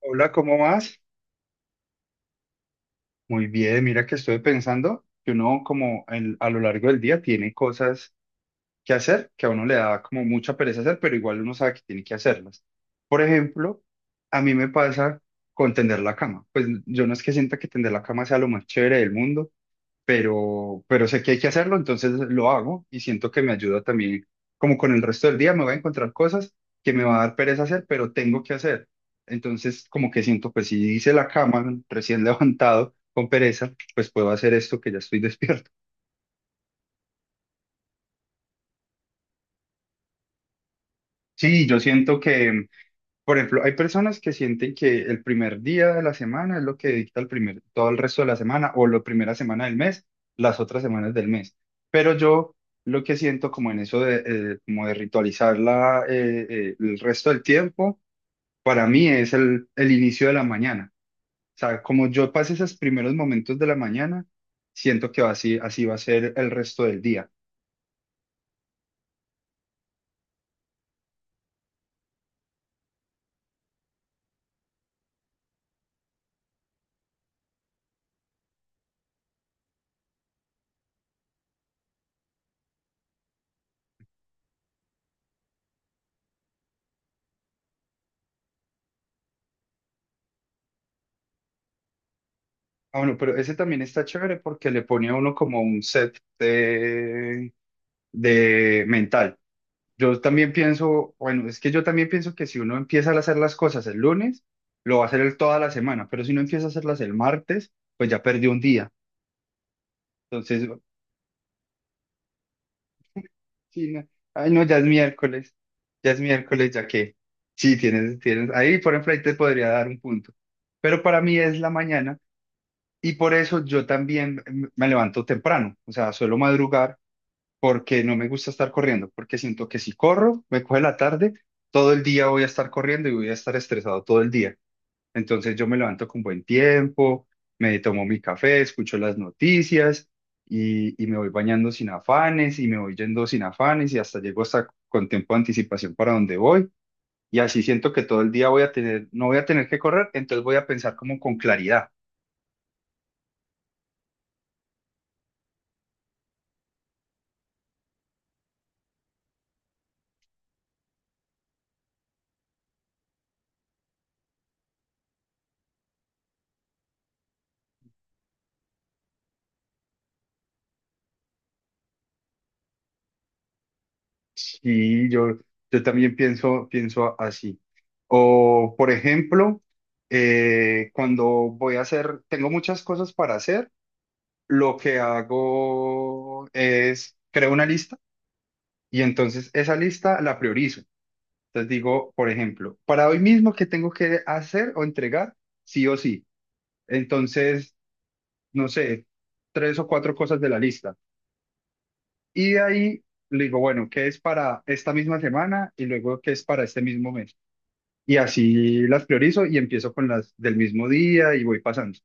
Hola, ¿cómo vas? Muy bien, mira que estoy pensando que uno como a lo largo del día tiene cosas que hacer que a uno le da como mucha pereza hacer, pero igual uno sabe que tiene que hacerlas. Por ejemplo, a mí me pasa con tender la cama. Pues yo no es que sienta que tender la cama sea lo más chévere del mundo, pero sé que hay que hacerlo, entonces lo hago y siento que me ayuda también, como con el resto del día me voy a encontrar cosas que me va a dar pereza hacer, pero tengo que hacer. Entonces, como que siento, pues si hice la cama recién levantado con pereza, pues puedo hacer esto que ya estoy despierto. Sí, yo siento que. Por ejemplo, hay personas que sienten que el primer día de la semana es lo que dicta todo el resto de la semana o la primera semana del mes, las otras semanas del mes. Pero yo lo que siento como en eso de, como de ritualizar el resto del tiempo, para mí es el inicio de la mañana. O sea, como yo pase esos primeros momentos de la mañana, siento que va así, así va a ser el resto del día. Ah, bueno, pero ese también está chévere porque le pone a uno como un set de mental. Yo también pienso, bueno, es que yo también pienso que si uno empieza a hacer las cosas el lunes, lo va a hacer toda la semana, pero si uno empieza a hacerlas el martes, pues ya perdió un día. Entonces, sí, no, ay, no, ya es miércoles, ya es miércoles, ya que, sí, tienes, ahí, por ejemplo, ahí te podría dar un punto, pero para mí es la mañana y por eso yo también me levanto temprano, o sea, suelo madrugar porque no me gusta estar corriendo, porque siento que si corro, me coge la tarde, todo el día voy a estar corriendo y voy a estar estresado todo el día. Entonces yo me levanto con buen tiempo, me tomo mi café, escucho las noticias y me voy bañando sin afanes y me voy yendo sin afanes y hasta llego hasta con tiempo de anticipación para donde voy. Y así siento que todo el día voy a tener, no voy a tener que correr, entonces voy a pensar como con claridad. Sí, yo también pienso así. O, por ejemplo, cuando tengo muchas cosas para hacer, lo que hago es, creo una lista. Y entonces esa lista la priorizo. Entonces digo, por ejemplo, para hoy mismo, ¿qué tengo que hacer o entregar? Sí o sí. Entonces, no sé, tres o cuatro cosas de la lista. Y de ahí le digo, bueno, ¿qué es para esta misma semana? Y luego, ¿qué es para este mismo mes? Y así las priorizo y empiezo con las del mismo día y voy pasando.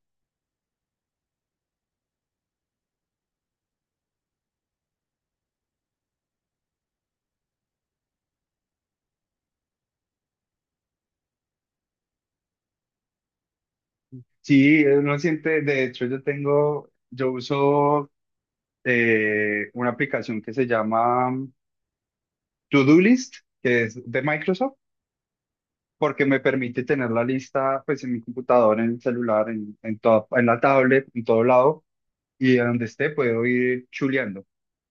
Sí, uno siente, de hecho, yo uso una aplicación que se llama To Do List, que es de Microsoft porque me permite tener la lista pues en mi computador, en el celular, en la tablet, en todo lado, y de donde esté puedo ir chuleando.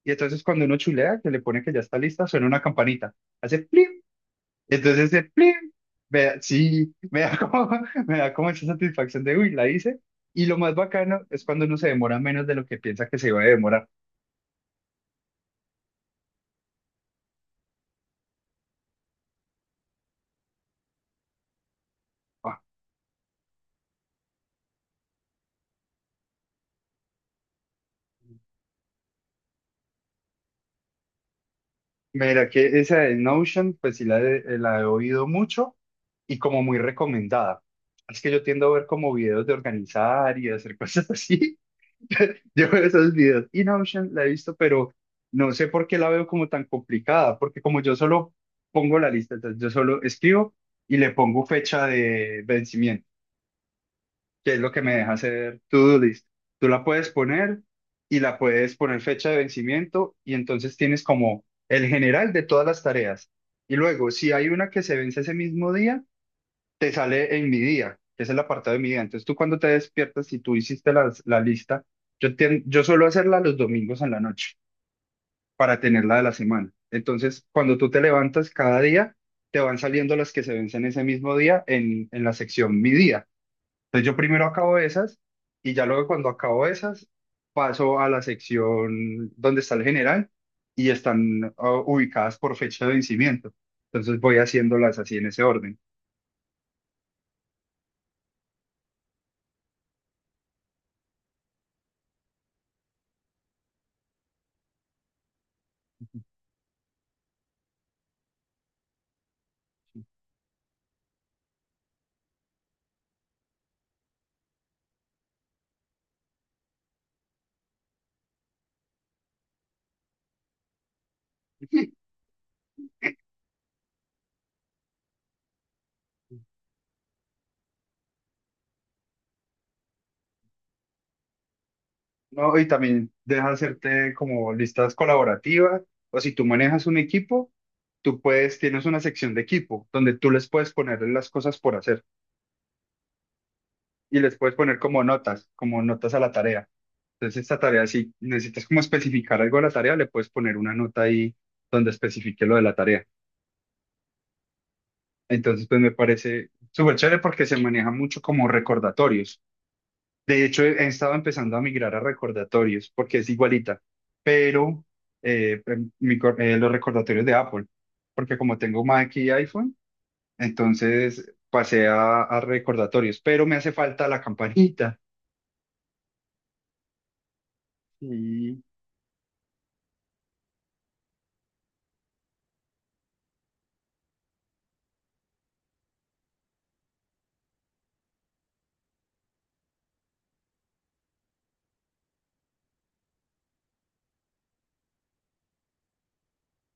Y entonces cuando uno chulea, que le pone que ya está lista, suena una campanita, hace plim, entonces ese plim, sí, me da como, me da como esa satisfacción de, uy, la hice. Y lo más bacano es cuando uno se demora menos de lo que piensa que se iba a demorar. Mira, que esa de Notion, pues sí la he oído mucho y como muy recomendada. Es que yo tiendo a ver como videos de organizar y de hacer cosas así. Yo veo esos videos y Notion la he visto, pero no sé por qué la veo como tan complicada, porque como yo solo pongo la lista, entonces yo solo escribo y le pongo fecha de vencimiento que es lo que me deja hacer to-do list. Tú la puedes poner y la puedes poner fecha de vencimiento y entonces tienes como el general de todas las tareas. Y luego, si hay una que se vence ese mismo día, te sale en mi día, que es el apartado de mi día. Entonces tú cuando te despiertas, si tú hiciste la lista, yo suelo hacerla los domingos en la noche para tenerla de la semana. Entonces, cuando tú te levantas cada día, te van saliendo las que se vencen ese mismo día en la sección mi día. Entonces yo primero acabo esas y ya luego cuando acabo esas paso a la sección donde está el general y están ah, ubicadas por fecha de vencimiento. Entonces voy haciéndolas así en ese orden. No, y también deja hacerte como listas colaborativas o si tú manejas un equipo, tú puedes, tienes una sección de equipo donde tú les puedes poner las cosas por hacer y les puedes poner como notas a la tarea. Entonces, esta tarea, si necesitas como especificar algo de la tarea, le puedes poner una nota ahí donde especifique lo de la tarea. Entonces, pues me parece súper chévere porque se maneja mucho como recordatorios. De hecho, he estado empezando a migrar a recordatorios porque es igualita, pero los recordatorios de Apple, porque como tengo Mac y iPhone, entonces pasé a, recordatorios, pero me hace falta la campanita.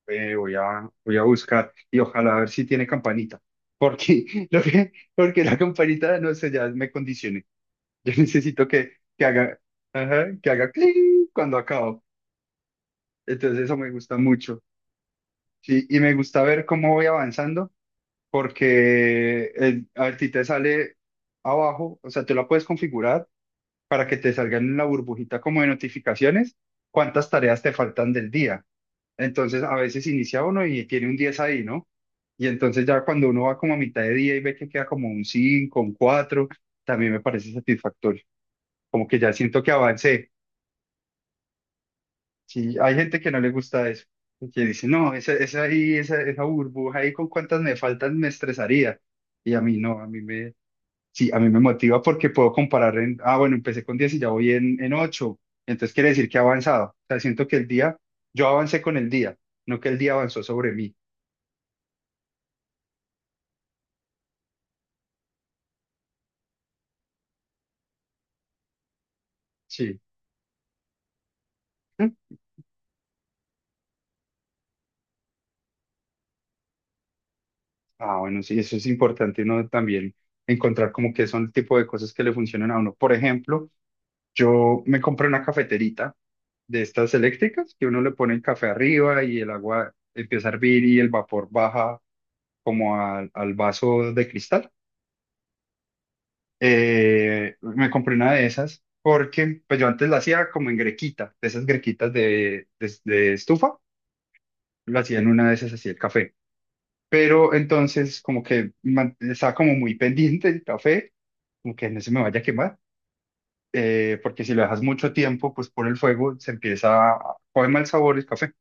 Voy a buscar y ojalá a ver si tiene campanita. Porque, lo que, porque la campanita, no sé, ya me condicioné. Yo necesito que haga, ajá, que haga cling cuando acabo. Entonces eso me gusta mucho. Sí, y me gusta ver cómo voy avanzando porque el, a ti te sale abajo, o sea, tú la puedes configurar para que te salgan en la burbujita como de notificaciones cuántas tareas te faltan del día. Entonces, a veces inicia uno y tiene un 10 ahí, ¿no? Y entonces ya cuando uno va como a mitad de día y ve que queda como un 5 un 4, también me parece satisfactorio. Como que ya siento que avancé. Sí, hay gente que no le gusta eso, que dice, no, esa ahí, esa burbuja ahí con cuántas me faltan me estresaría. Y a mí no, sí, a mí me motiva porque puedo comparar en, ah, bueno, empecé con 10 y ya voy en ocho. Entonces quiere decir que he avanzado. O sea, siento que el día, yo avancé con el día, no que el día avanzó sobre mí. Sí. ¿Mm? Ah, bueno, sí, eso es importante, ¿no? También encontrar como que son el tipo de cosas que le funcionan a uno. Por ejemplo, yo me compré una cafeterita de estas eléctricas que uno le pone el café arriba y el agua empieza a hervir y el vapor baja como al vaso de cristal. Me compré una de esas porque pues yo antes la hacía como en grequita, de esas grequitas de, de estufa, la hacía en una de esas así el café. Pero entonces como que man- estaba como muy pendiente el café como que no se me vaya a quemar, porque si lo dejas mucho tiempo, pues por el fuego se empieza a coger mal sabor el café.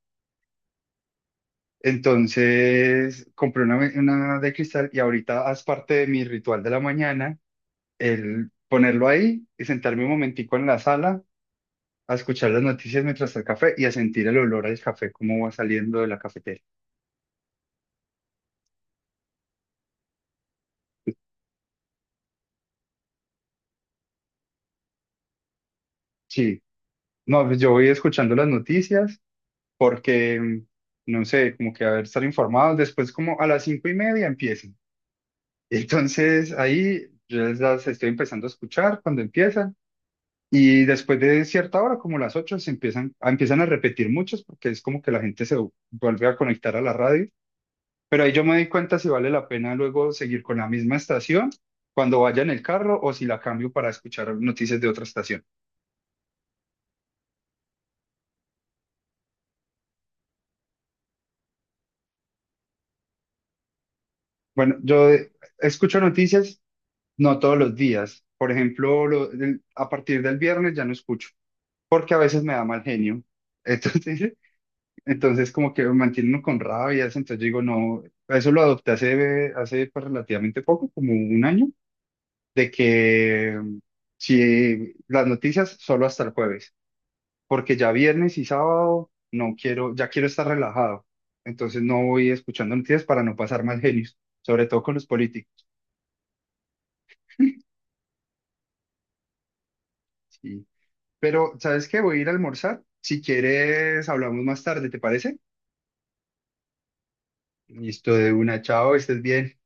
Entonces compré una de cristal y ahorita haz parte de mi ritual de la mañana, el ponerlo ahí y sentarme un momentico en la sala a escuchar las noticias mientras el café y a sentir el olor al café, cómo va saliendo de la cafetera. Sí, no, pues yo voy escuchando las noticias porque, mm, no sé, como que a ver, estar informados. Después como a las 5:30 empieza. Entonces ahí yo las estoy empezando a escuchar cuando empiezan y después de cierta hora, como las 8 se empiezan, a- empiezan a repetir muchos porque es como que la gente se vuelve a conectar a la radio, pero ahí yo me doy cuenta si vale la pena luego seguir con la misma estación cuando vaya en el carro o si la cambio para escuchar noticias de otra estación. Bueno, yo escucho noticias no todos los días, por ejemplo, lo- el- a partir del viernes ya no escucho porque a veces me da mal genio. Entonces... Entonces, como que me mantiene uno con rabia, entonces yo digo, no, eso lo adopté hace, pues, relativamente poco, como un año, de que mm, si las noticias solo hasta el jueves, porque ya viernes y sábado no quiero, ya quiero estar relajado, entonces no voy escuchando noticias para no pasar mal genios, sobre todo con los políticos. Sí. Pero, ¿sabes qué? Voy a ir a almorzar, si quieres hablamos más tarde, ¿te parece? Listo, de una, chao, estés bien.